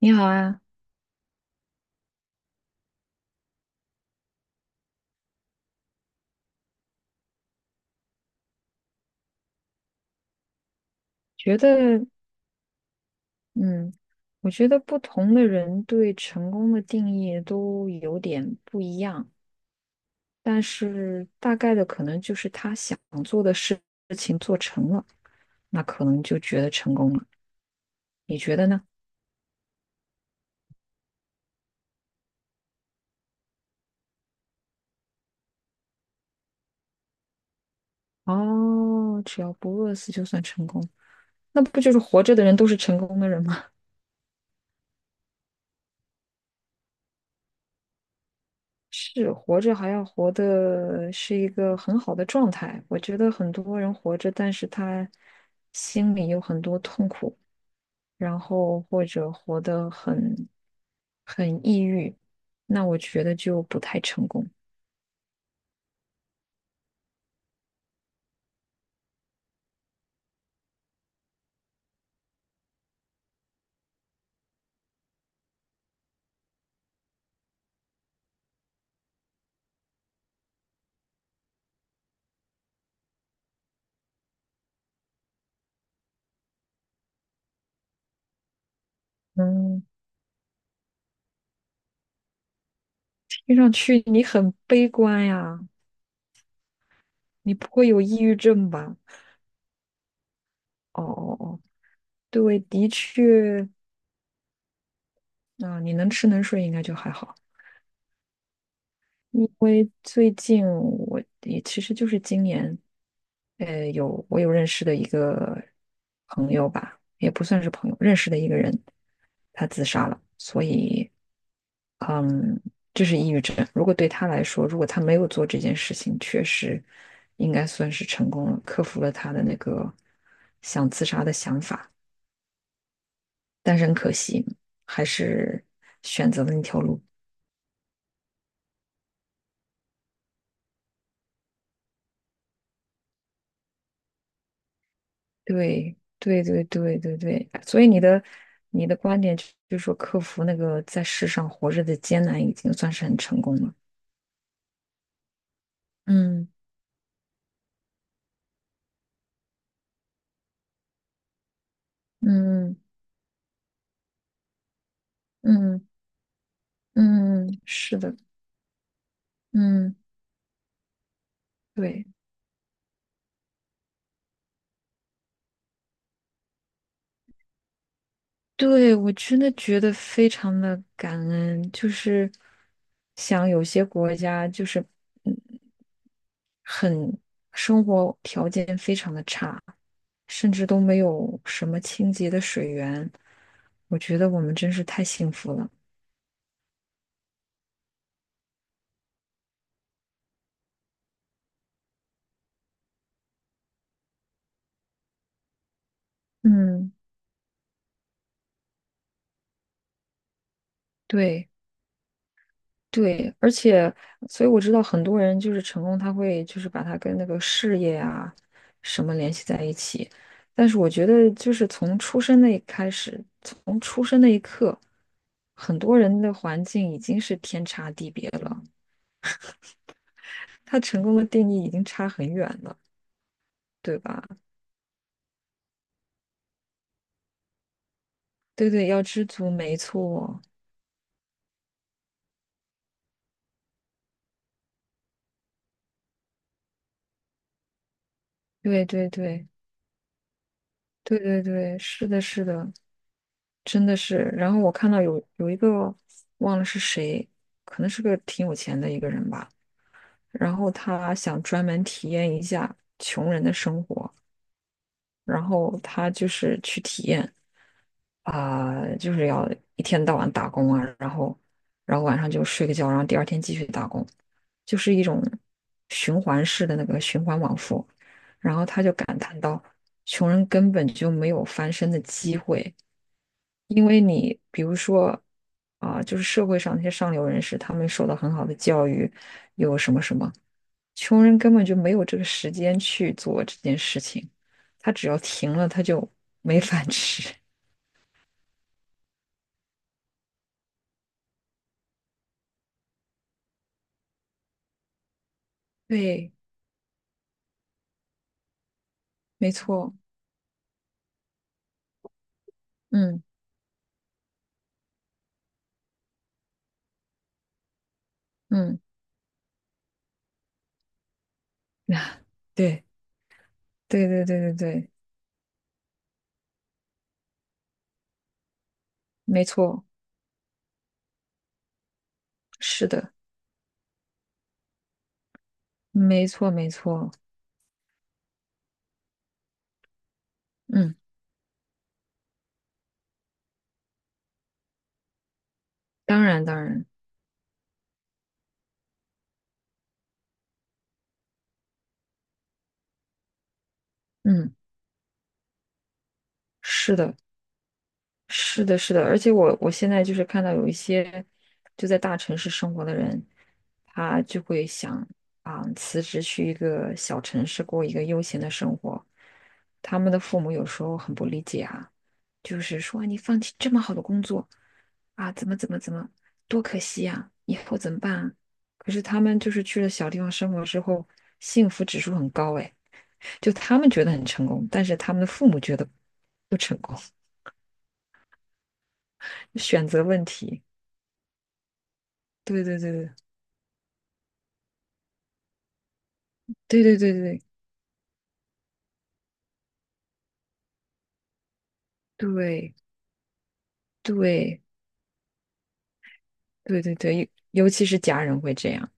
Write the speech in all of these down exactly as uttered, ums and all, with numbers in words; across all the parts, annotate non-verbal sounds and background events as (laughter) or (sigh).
你好啊，觉得，嗯，我觉得不同的人对成功的定义都有点不一样，但是大概的可能就是他想做的事情做成了，那可能就觉得成功了。你觉得呢？哦，只要不饿死就算成功，那不就是活着的人都是成功的人吗？(laughs) 是，活着还要活的是一个很好的状态。我觉得很多人活着，但是他心里有很多痛苦。然后或者活得很很抑郁，那我觉得就不太成功。嗯，听上去你很悲观呀，你不会有抑郁症吧？哦哦哦，对，的确，啊、你能吃能睡应该就还好。因为最近我也其实就是今年，呃，有我有认识的一个朋友吧，也不算是朋友，认识的一个人，他自杀了，所以，嗯，这是抑郁症。如果对他来说，如果他没有做这件事情，确实应该算是成功了，克服了他的那个想自杀的想法，但是很可惜，还是选择了那条路。对对对对对对，所以你的你的观点就是说，克服那个在世上活着的艰难，已经算是很成功了。嗯嗯嗯嗯是的，嗯对对，我真的觉得非常的感恩，就是像有些国家，就是嗯，生活条件非常的差，甚至都没有什么清洁的水源，我觉得我们真是太幸福了。嗯。对对，而且，所以我知道很多人就是成功，他会就是把他跟那个事业啊什么联系在一起。但是我觉得，就是从出生那一开始，从出生那一刻，很多人的环境已经是天差地别了，他成功的定义已经差很远了，对吧？对对，要知足，没错，对对对对对对，是的，是的。真的是。然后我看到有有一个忘了是谁，可能是个挺有钱的一个人吧，然后他想专门体验一下穷人的生活。然后他就是去体验啊、就是要一天到晚打工啊，然后然后晚上就睡个觉，然后第二天继续打工，就是一种循环式的那个循环往复。然后他就感叹到，穷人根本就没有翻身的机会，因为你比如说啊、就是社会上那些上流人士，他们受到很好的教育，有什么什么，穷人根本就没有这个时间去做这件事情。它只要停了，它就没饭吃。(laughs) 对，没错，嗯嗯，啊，对对对对对对，没错，是的，没错没错，嗯，当然当然，嗯，是的，是的，是的，而且我我现在就是看到有一些就在大城市生活的人，他就会想啊，辞职去一个小城市过一个悠闲的生活。他们的父母有时候很不理解啊，就是说你放弃这么好的工作啊，怎么怎么怎么，多可惜呀、以后怎么办啊。可是他们就是去了小地方生活之后，幸福指数很高哎，就他们觉得很成功，但是他们的父母觉得不成功，选择问题。对对对对对对对对对对对对，尤尤其是家人会这样，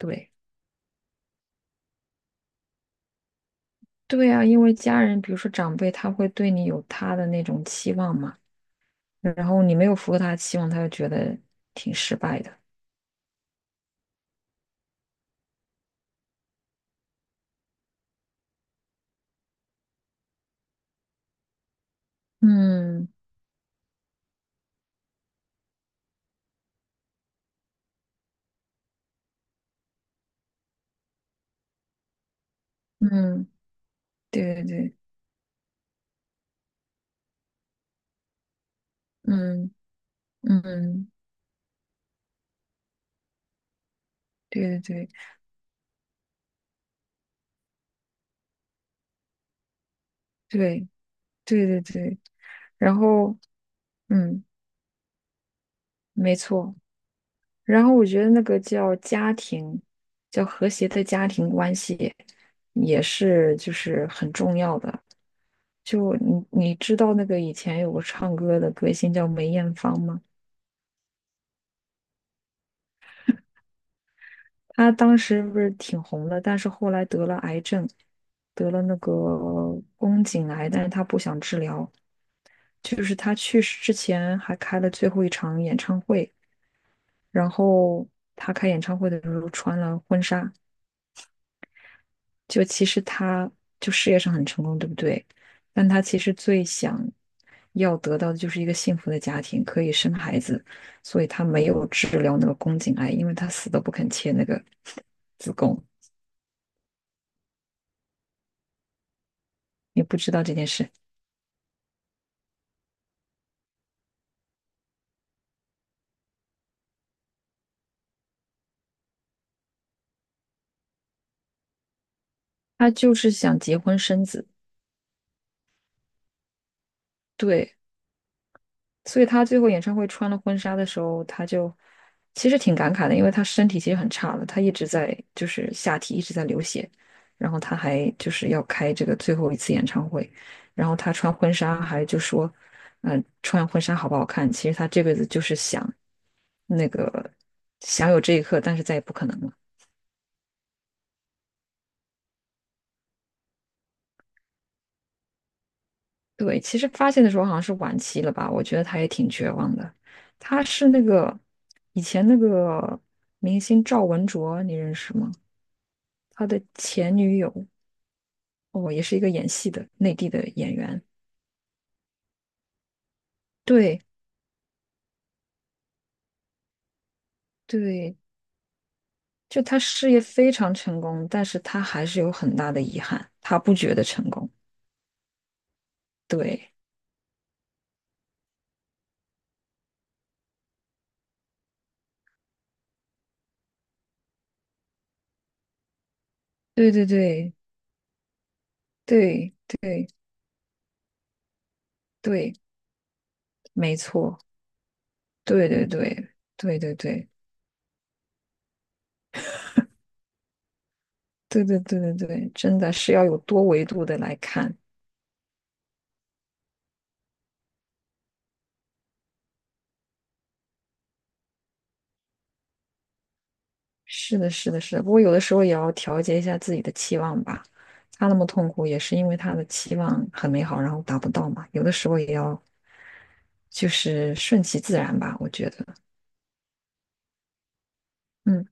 对对啊，因为家人，比如说长辈，他会对你有他的那种期望嘛，然后你没有符合他的期望，他就觉得挺失败的。嗯嗯，对对对，嗯嗯，对对对对对对对，然后嗯，没错。然后我觉得那个叫家庭，叫和谐的家庭关系，也是就是很重要的。就你你知道那个以前有个唱歌的歌星叫梅艳芳吗？她当时不是挺红的，但是后来得了癌症，得了那个宫颈癌，但是她不想治疗。就是她去世之前还开了最后一场演唱会，然后她开演唱会的时候穿了婚纱。就其实他就事业上很成功，对不对？但他其实最想要得到的就是一个幸福的家庭，可以生孩子，所以他没有治疗那个宫颈癌，因为他死都不肯切那个 (laughs) 子宫。也不知道这件事，他就是想结婚生子，对。所以他最后演唱会穿了婚纱的时候，他就其实挺感慨的，因为他身体其实很差了，他一直在就是下体一直在流血，然后他还就是要开这个最后一次演唱会，然后他穿婚纱还就说，嗯、穿婚纱好不好看？其实他这辈子就是想那个想有这一刻，但是再也不可能了。对，其实发现的时候好像是晚期了吧，我觉得他也挺绝望的。他是那个以前那个明星赵文卓，你认识吗？他的前女友哦，也是一个演戏的内地的演员。对对，就他事业非常成功，但是他还是有很大的遗憾，他不觉得成功。对对对对对对对，没错，对对对对对对对对对对对，真的是要有多维度的来看。是的，是的，是的。不过有的时候也要调节一下自己的期望吧。他那么痛苦，也是因为他的期望很美好，然后达不到嘛。有的时候也要就是顺其自然吧，我觉得。嗯，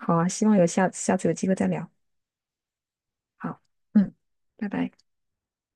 好啊，希望有下次下次有机会再聊。好，嗯，拜拜。